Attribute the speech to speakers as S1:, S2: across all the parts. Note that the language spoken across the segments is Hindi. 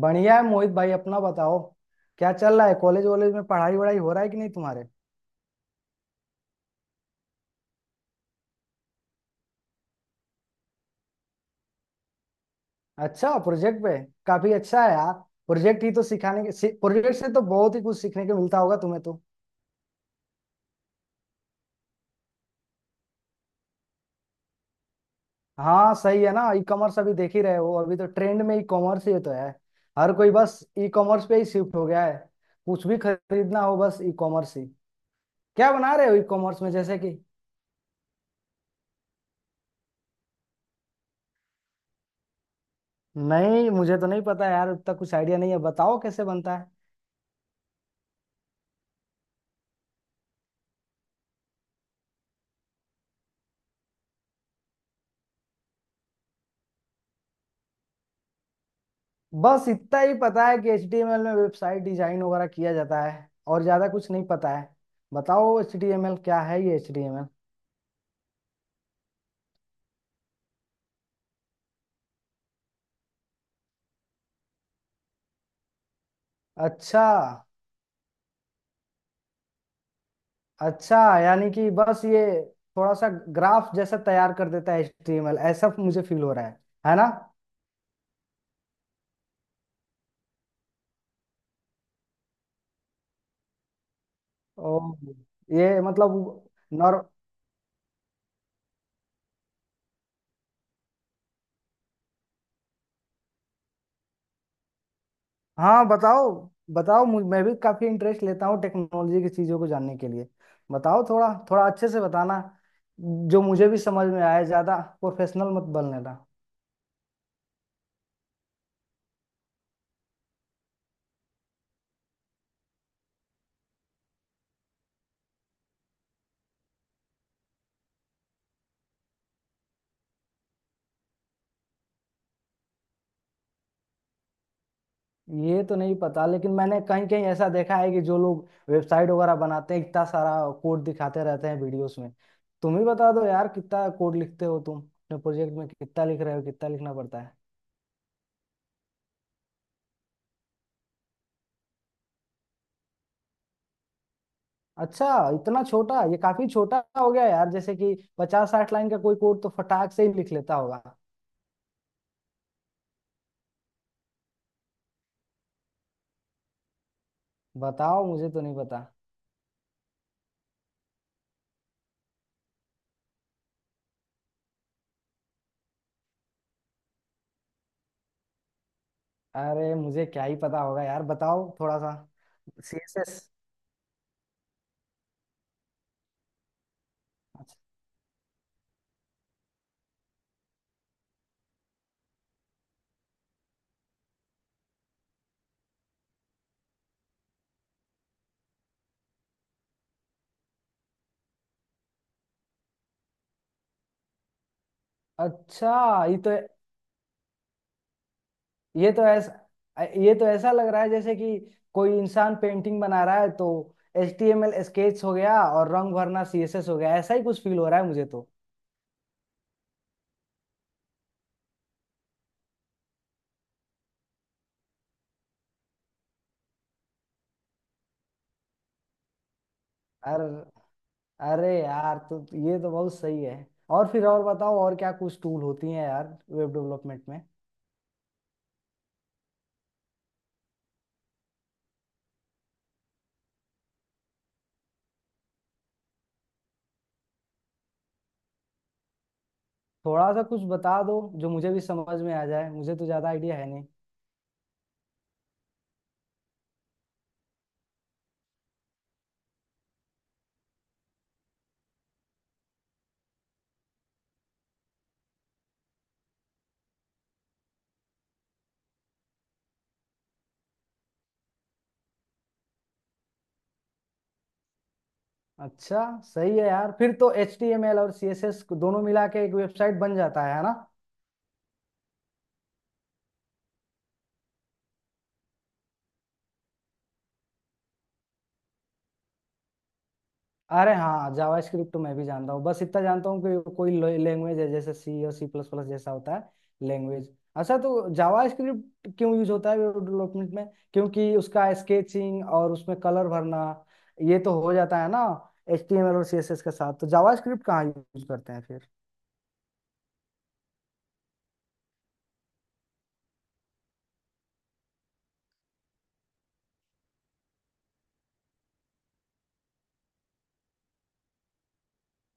S1: बढ़िया है मोहित भाई अपना बताओ। क्या चल रहा है कॉलेज वॉलेज में पढ़ाई वढ़ाई हो रहा है कि नहीं तुम्हारे? अच्छा प्रोजेक्ट पे। काफी अच्छा है यार। प्रोजेक्ट ही तो सिखाने के प्रोजेक्ट से तो बहुत ही कुछ सीखने को मिलता होगा तुम्हें तो। हाँ सही है ना, ई कॉमर्स अभी देख ही रहे हो, अभी तो ट्रेंड में ई कॉमर्स ही तो है। हर कोई बस ई कॉमर्स पे ही शिफ्ट हो गया है। कुछ भी खरीदना हो बस ई कॉमर्स ही। क्या बना रहे हो ई कॉमर्स में, जैसे कि? नहीं, मुझे तो नहीं पता यार, उतना कुछ आइडिया नहीं है, बताओ कैसे बनता है। बस इतना ही पता है कि HTML में वेबसाइट डिजाइन वगैरह किया जाता है और ज्यादा कुछ नहीं पता है। बताओ HTML क्या है, ये HTML? अच्छा। अच्छा यानी कि बस ये थोड़ा सा ग्राफ जैसा तैयार कर देता है HTML, ऐसा मुझे फील हो रहा है ना? ओ, ये मतलब नॉर हाँ बताओ। बताओ मैं भी काफी इंटरेस्ट लेता हूँ टेक्नोलॉजी की चीजों को जानने के लिए। बताओ थोड़ा थोड़ा अच्छे से बताना, जो मुझे भी समझ में आए, ज्यादा प्रोफेशनल मत बनने। ये तो नहीं पता, लेकिन मैंने कहीं कहीं ऐसा देखा है कि जो लोग वेबसाइट वगैरह बनाते हैं इतना सारा कोड दिखाते रहते हैं वीडियोस में। तुम ही बता दो यार, कितना कोड लिखते हो तुम अपने प्रोजेक्ट में, कितना लिख रहे हो, कितना लिखना पड़ता है? अच्छा। इतना छोटा, ये काफी छोटा हो गया यार, जैसे कि पचास साठ लाइन का कोई कोड तो फटाक से ही लिख लेता होगा। बताओ, मुझे तो नहीं पता। अरे मुझे क्या ही पता होगा यार, बताओ थोड़ा सा। सीएसएस। अच्छा, ये तो ऐसा लग रहा है जैसे कि कोई इंसान पेंटिंग बना रहा है, तो H T M L sketch हो गया और रंग भरना सी एस एस हो गया, ऐसा ही कुछ फील हो रहा है मुझे तो। अरे, अरे यार, तो ये तो बहुत सही है। और फिर और बताओ, और क्या कुछ टूल होती हैं यार वेब डेवलपमेंट में? थोड़ा सा कुछ बता दो, जो मुझे भी समझ में आ जाए, मुझे तो ज़्यादा आइडिया है नहीं। अच्छा, सही है यार, फिर तो एच टी एम एल और सी एस एस दोनों मिला के एक वेबसाइट बन जाता है ना? अरे हाँ, जावास्क्रिप्ट तो मैं भी जानता हूँ, बस इतना जानता हूँ कि कोई लैंग्वेज है, जैसे सी और सी प्लस प्लस जैसा होता है लैंग्वेज। अच्छा, तो जावास्क्रिप्ट क्यों यूज होता है वेब डेवलपमेंट में? क्योंकि उसका स्केचिंग और उसमें कलर भरना ये तो हो जाता है ना एचटीएमएल और सीएसएस के साथ, तो जावास्क्रिप्ट कहाँ यूज करते हैं फिर?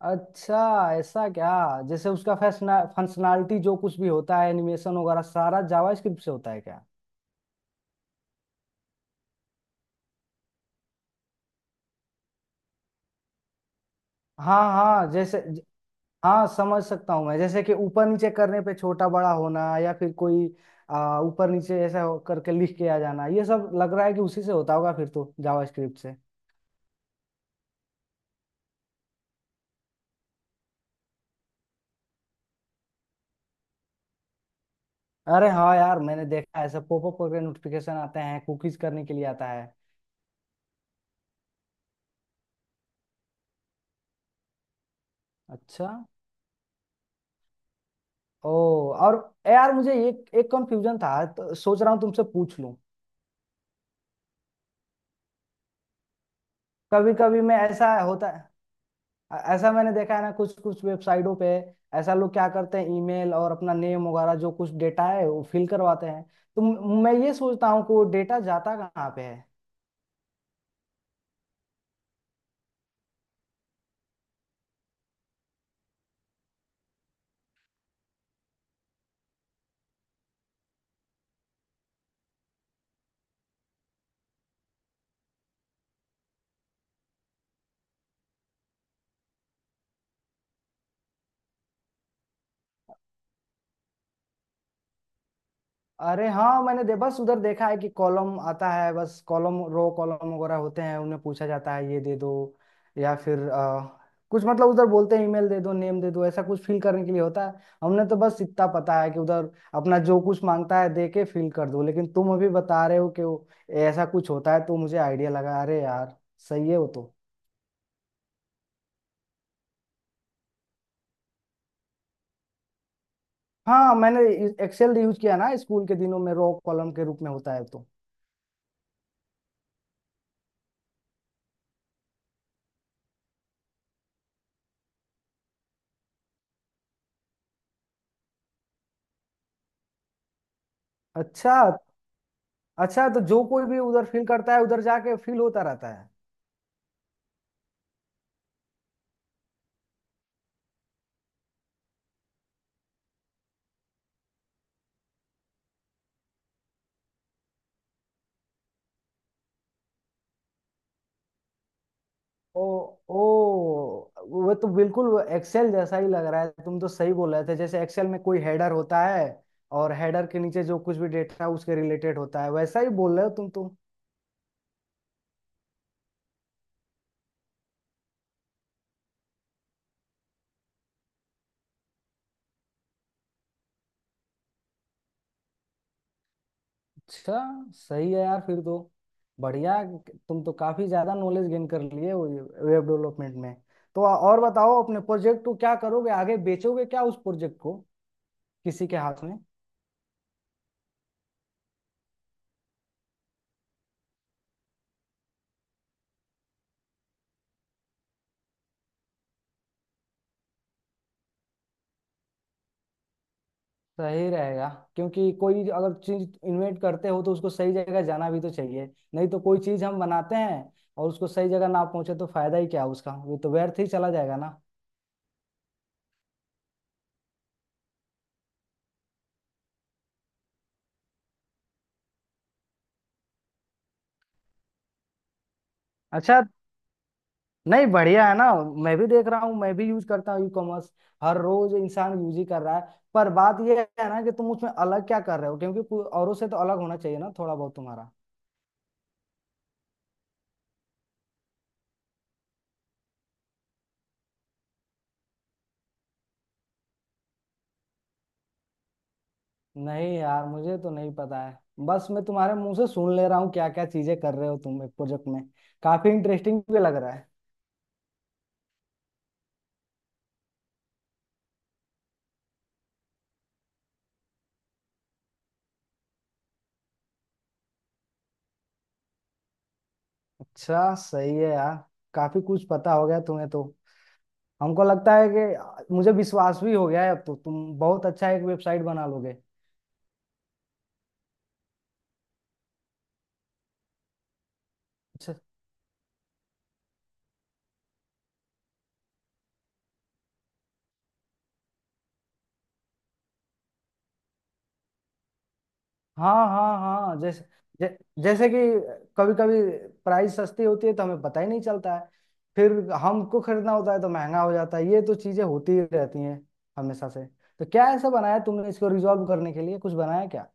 S1: अच्छा, ऐसा क्या? जैसे उसका फंक्शनैलिटी जो कुछ भी होता है, एनिमेशन वगैरह सारा जावास्क्रिप्ट से होता है क्या? हाँ हाँ जैसे, हाँ समझ सकता हूँ मैं, जैसे कि ऊपर नीचे करने पे छोटा बड़ा होना या फिर कोई ऊपर नीचे ऐसा करके लिख के आ जाना, ये सब लग रहा है कि उसी से होता होगा फिर तो जावास्क्रिप्ट से। अरे हाँ यार, मैंने देखा है ऐसा पॉपअप करके नोटिफिकेशन आते हैं, कुकीज करने के लिए आता है। अच्छा। ओ, और यार मुझे एक एक कंफ्यूजन था, तो सोच रहा हूँ तुमसे पूछ लूँ। कभी कभी मैं ऐसा होता ऐसा मैंने देखा है ना कुछ कुछ वेबसाइटों पे, ऐसा लोग क्या करते हैं, ईमेल और अपना नेम वगैरह जो कुछ डेटा है वो फिल करवाते हैं, तो मैं ये सोचता हूँ कि वो डेटा जाता कहाँ पे है। अरे हाँ, मैंने दे बस उधर देखा है कि कॉलम आता है, बस कॉलम रो कॉलम वगैरह होते हैं, उन्हें पूछा जाता है ये दे दो। या फिर कुछ मतलब उधर बोलते हैं ईमेल दे दो, नेम दे दो, ऐसा कुछ फिल करने के लिए होता है। हमने तो बस इतना पता है कि उधर अपना जो कुछ मांगता है दे के फिल कर दो, लेकिन तुम अभी बता रहे हो कि वो ऐसा कुछ होता है, तो मुझे आइडिया लगा, अरे यार, सही है वो तो। हाँ, मैंने एक्सेल यूज किया ना स्कूल के दिनों में, रो कॉलम के रूप में होता है तो। अच्छा। अच्छा, तो जो कोई भी उधर फील करता है उधर जाके फील होता रहता है। ओ, ओ, वो तो बिल्कुल एक्सेल जैसा ही लग रहा है, तुम तो सही बोल रहे थे, जैसे एक्सेल में कोई हेडर होता है और हेडर के नीचे जो कुछ भी डेटा उसके रिलेटेड होता है वैसा ही बोल रहे हो तुम तो। अच्छा, सही है यार, फिर तो, बढ़िया, तुम तो काफी ज्यादा नॉलेज गेन कर लिए हो वेब डेवलपमेंट में। तो और बताओ अपने प्रोजेक्ट को, क्या करोगे आगे, बेचोगे क्या उस प्रोजेक्ट को किसी के हाथ में? सही रहेगा, क्योंकि कोई अगर चीज इन्वेंट करते हो तो उसको सही जगह जाना भी तो चाहिए, नहीं तो कोई चीज हम बनाते हैं और उसको सही जगह ना पहुंचे तो फायदा ही क्या उसका, वो तो व्यर्थ ही चला जाएगा ना। अच्छा, नहीं, बढ़िया है ना, मैं भी देख रहा हूँ, मैं भी यूज करता हूँ ई कॉमर्स, हर रोज इंसान यूज ही कर रहा है, पर बात यह है ना कि तुम उसमें अलग क्या कर रहे हो, क्योंकि कोई औरों से तो अलग होना चाहिए ना, थोड़ा बहुत तुम्हारा। नहीं यार, मुझे तो नहीं पता है, बस मैं तुम्हारे मुंह से सुन ले रहा हूँ क्या क्या चीजें कर रहे हो तुम एक प्रोजेक्ट में, काफी इंटरेस्टिंग भी लग रहा है। अच्छा, सही है यार, काफी कुछ पता हो गया तुम्हें तो, हमको लगता है कि मुझे विश्वास भी हो गया है अब, तो तुम बहुत अच्छा एक वेबसाइट बना लोगे। अच्छा। हाँ हाँ हाँ, जैसे, जै, जैसे कि कभी कभी प्राइस सस्ती होती है तो हमें पता ही नहीं चलता है, फिर हमको खरीदना होता है तो महंगा हो जाता है, ये तो चीजें होती ही रहती हैं हमेशा से, तो क्या ऐसा बनाया तुमने, इसको रिजॉल्व करने के लिए कुछ बनाया क्या?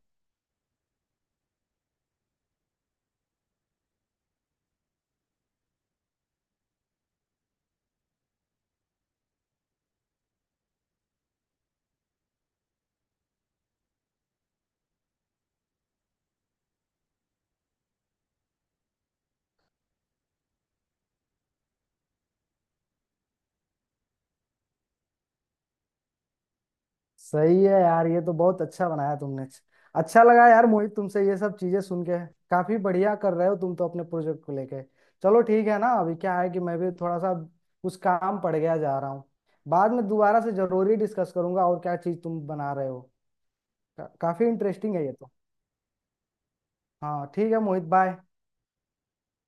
S1: सही है यार, ये तो बहुत अच्छा बनाया तुमने। अच्छा लगा यार मोहित, तुमसे ये सब चीजें सुन के, काफी बढ़िया कर रहे हो तुम तो अपने प्रोजेक्ट को लेके। चलो ठीक है ना, अभी क्या है कि मैं भी थोड़ा सा कुछ काम पड़ गया, जा रहा हूँ, बाद में दोबारा से जरूरी डिस्कस करूंगा और क्या चीज तुम बना रहे हो। काफी इंटरेस्टिंग है ये तो। हाँ ठीक है मोहित, बाय।